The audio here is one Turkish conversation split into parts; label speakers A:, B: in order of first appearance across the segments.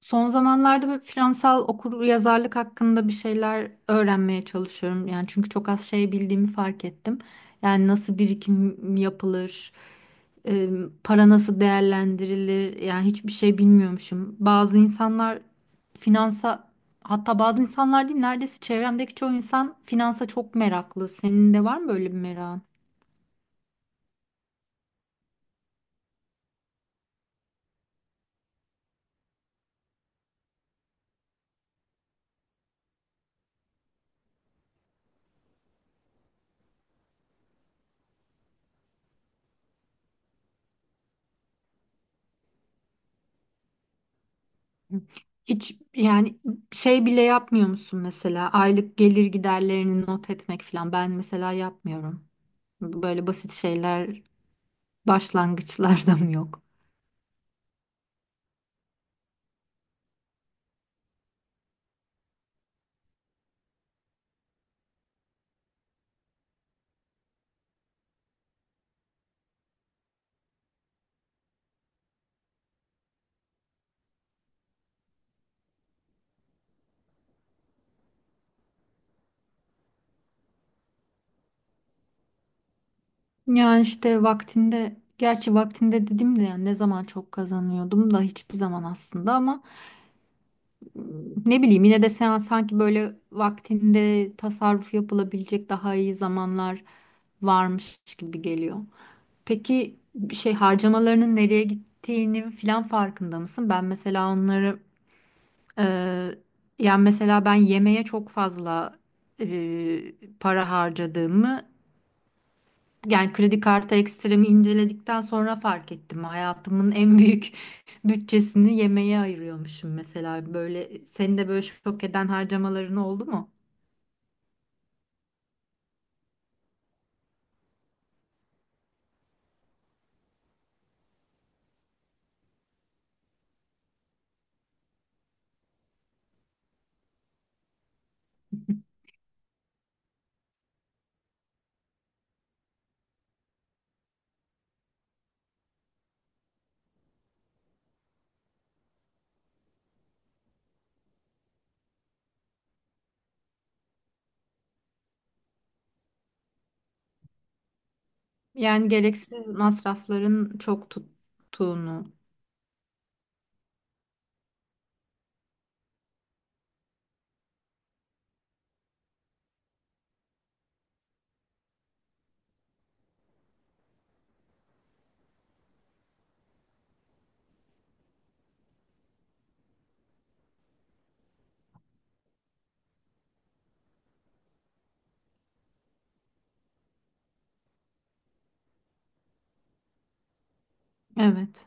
A: Son zamanlarda böyle finansal okur yazarlık hakkında bir şeyler öğrenmeye çalışıyorum. Yani çünkü çok az şey bildiğimi fark ettim. Yani nasıl birikim yapılır, e, para nasıl değerlendirilir, yani hiçbir şey bilmiyormuşum. Bazı insanlar finansa, hatta bazı insanlar değil, neredeyse çevremdeki çoğu insan finansa çok meraklı. Senin de var mı böyle bir merakın? Hiç yani şey bile yapmıyor musun mesela aylık gelir giderlerini not etmek falan, ben mesela yapmıyorum. Böyle basit şeyler başlangıçlardan yok. Yani işte vaktinde, gerçi vaktinde dedim de yani ne zaman çok kazanıyordum da hiçbir zaman aslında, ama ne bileyim, yine de sen sanki böyle vaktinde tasarruf yapılabilecek daha iyi zamanlar varmış gibi geliyor. Peki şey harcamalarının nereye gittiğinin filan farkında mısın? Ben mesela onları e, yani mesela ben yemeğe çok fazla para harcadığımı yani kredi kartı ekstremi inceledikten sonra fark ettim. Hayatımın en büyük bütçesini yemeğe ayırıyormuşum mesela. Böyle senin de böyle şok eden harcamaların oldu mu? Yani gereksiz masrafların çok tuttuğunu. Evet.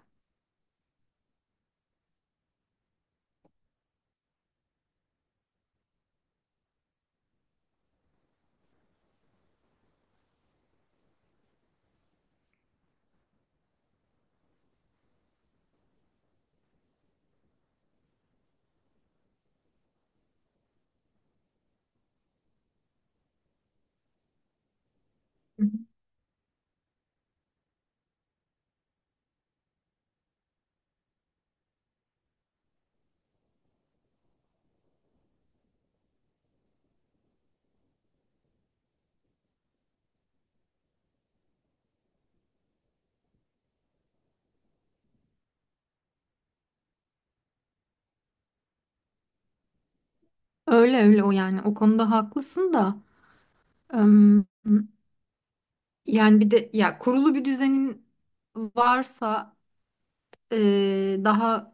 A: Öyle öyle, o yani o konuda haklısın da, ım, yani bir de ya kurulu bir düzenin varsa daha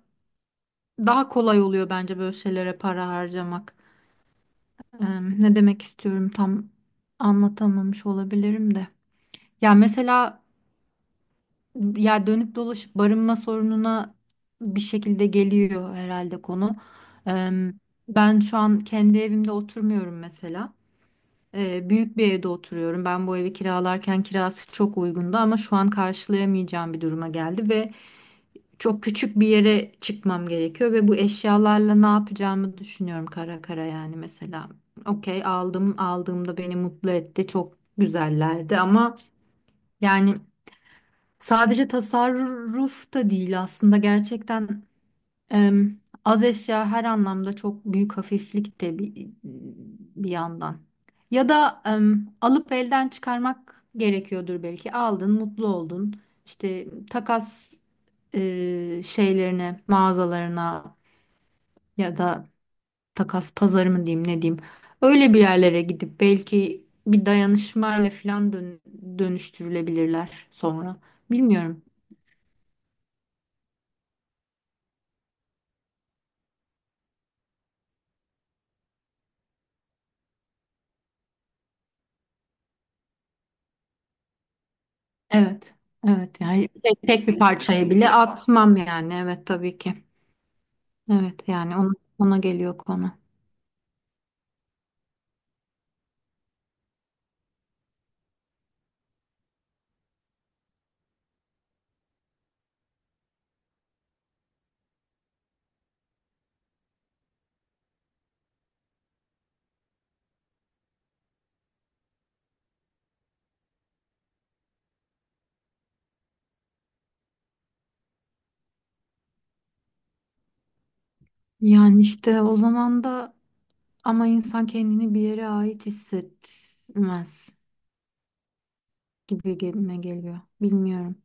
A: daha kolay oluyor bence böyle şeylere para harcamak. Ne demek istiyorum tam anlatamamış olabilirim de. Ya mesela, ya dönüp dolaşıp barınma sorununa bir şekilde geliyor herhalde konu. Im, ben şu an kendi evimde oturmuyorum mesela. Büyük bir evde oturuyorum. Ben bu evi kiralarken kirası çok uygundu, ama şu an karşılayamayacağım bir duruma geldi ve çok küçük bir yere çıkmam gerekiyor ve bu eşyalarla ne yapacağımı düşünüyorum kara kara yani mesela. Okey, aldım, aldığımda beni mutlu etti, çok güzellerdi ama yani sadece tasarruf da değil aslında, gerçekten Em, az eşya her anlamda çok büyük hafiflik de bir yandan. Ya da alıp elden çıkarmak gerekiyordur belki. Aldın, mutlu oldun. İşte takas şeylerine, mağazalarına ya da takas pazarı mı diyeyim, ne diyeyim. Öyle bir yerlere gidip belki bir dayanışmayla falan dönüştürülebilirler sonra. Bilmiyorum. Evet. Evet yani tek bir parçayı bile atmam yani. Evet, tabii ki. Evet yani ona geliyor konu. Yani işte o zaman da ama insan kendini bir yere ait hissetmez gibi gibime geliyor. Bilmiyorum.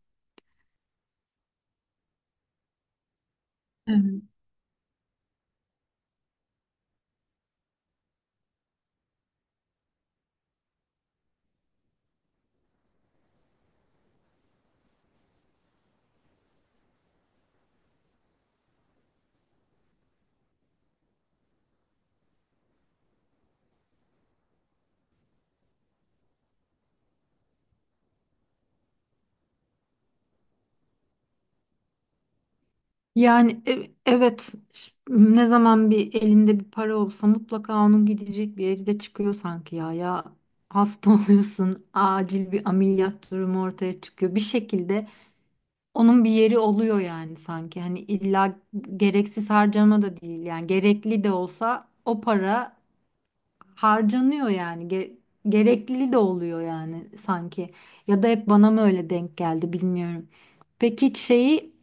A: Evet. Yani evet, ne zaman bir elinde bir para olsa mutlaka onun gidecek bir yeri de çıkıyor sanki ya. Ya hasta oluyorsun, acil bir ameliyat durumu ortaya çıkıyor. Bir şekilde onun bir yeri oluyor yani sanki. Hani illa gereksiz harcama da değil, yani gerekli de olsa o para harcanıyor yani. Gerekli de oluyor yani sanki, ya da hep bana mı öyle denk geldi, bilmiyorum. Peki hiç şeyi,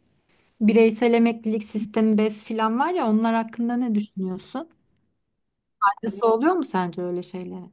A: bireysel emeklilik sistemi BES filan var ya, onlar hakkında ne düşünüyorsun? Faydası oluyor mu sence öyle şeylere?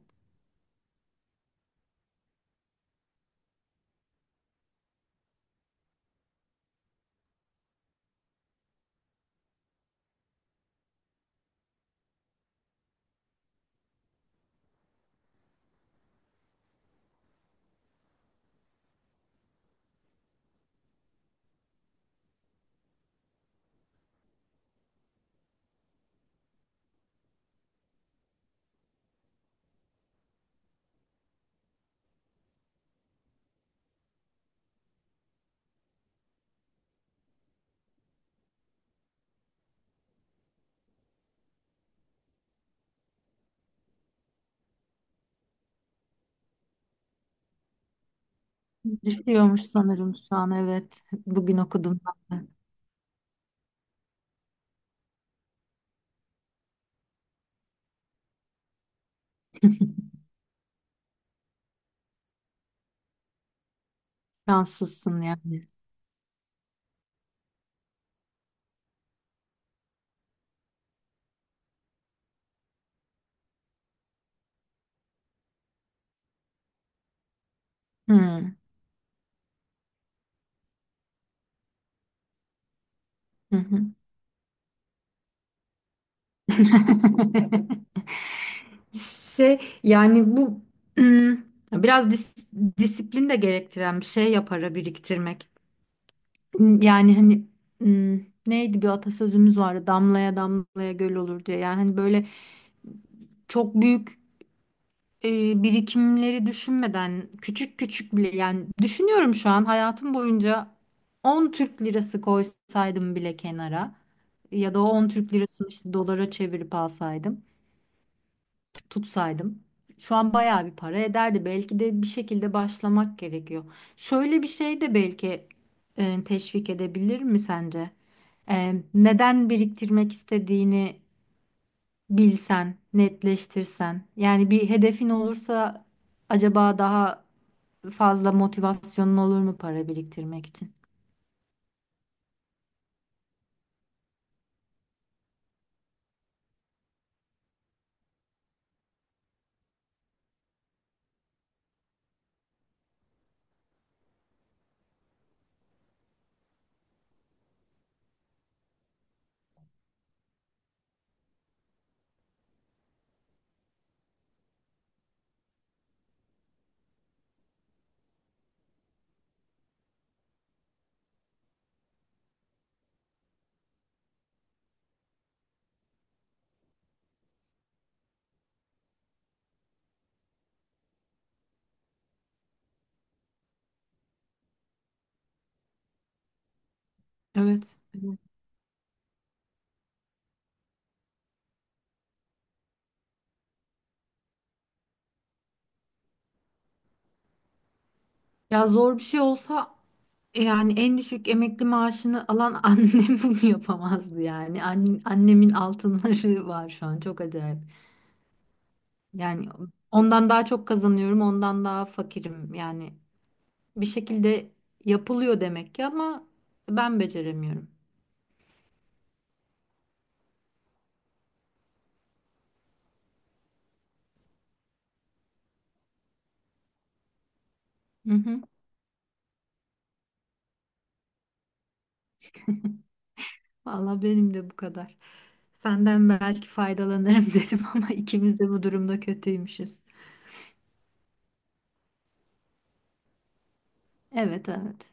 A: Düşüyormuş sanırım şu an, evet, bugün okudum ben de. Şanslısın yani. Hmm. Hı hı. Şey yani bu, hmm, biraz disiplin de gerektiren bir şey yapara biriktirmek. Yani hani neydi, bir atasözümüz vardı, damlaya damlaya göl olur diye. Yani hani böyle çok büyük birikimleri düşünmeden küçük küçük bile, yani düşünüyorum şu an, hayatım boyunca 10 Türk lirası koysaydım bile kenara, ya da o 10 Türk lirasını işte dolara çevirip alsaydım, tutsaydım, şu an bayağı bir para ederdi. Belki de bir şekilde başlamak gerekiyor. Şöyle bir şey de belki teşvik edebilir mi sence? E, neden biriktirmek istediğini bilsen, netleştirsen. Yani bir hedefin olursa acaba daha fazla motivasyonun olur mu para biriktirmek için? Evet. Evet. Ya zor bir şey olsa. Yani en düşük emekli maaşını alan annem bunu yapamazdı yani. Annemin altınları var şu an, çok acayip. Yani ondan daha çok kazanıyorum, ondan daha fakirim. Yani bir şekilde yapılıyor demek ki, ama ben beceremiyorum. Hı hı. Valla benim de bu kadar. Senden belki faydalanırım dedim, ama ikimiz de bu durumda kötüymüşüz. Evet, evet.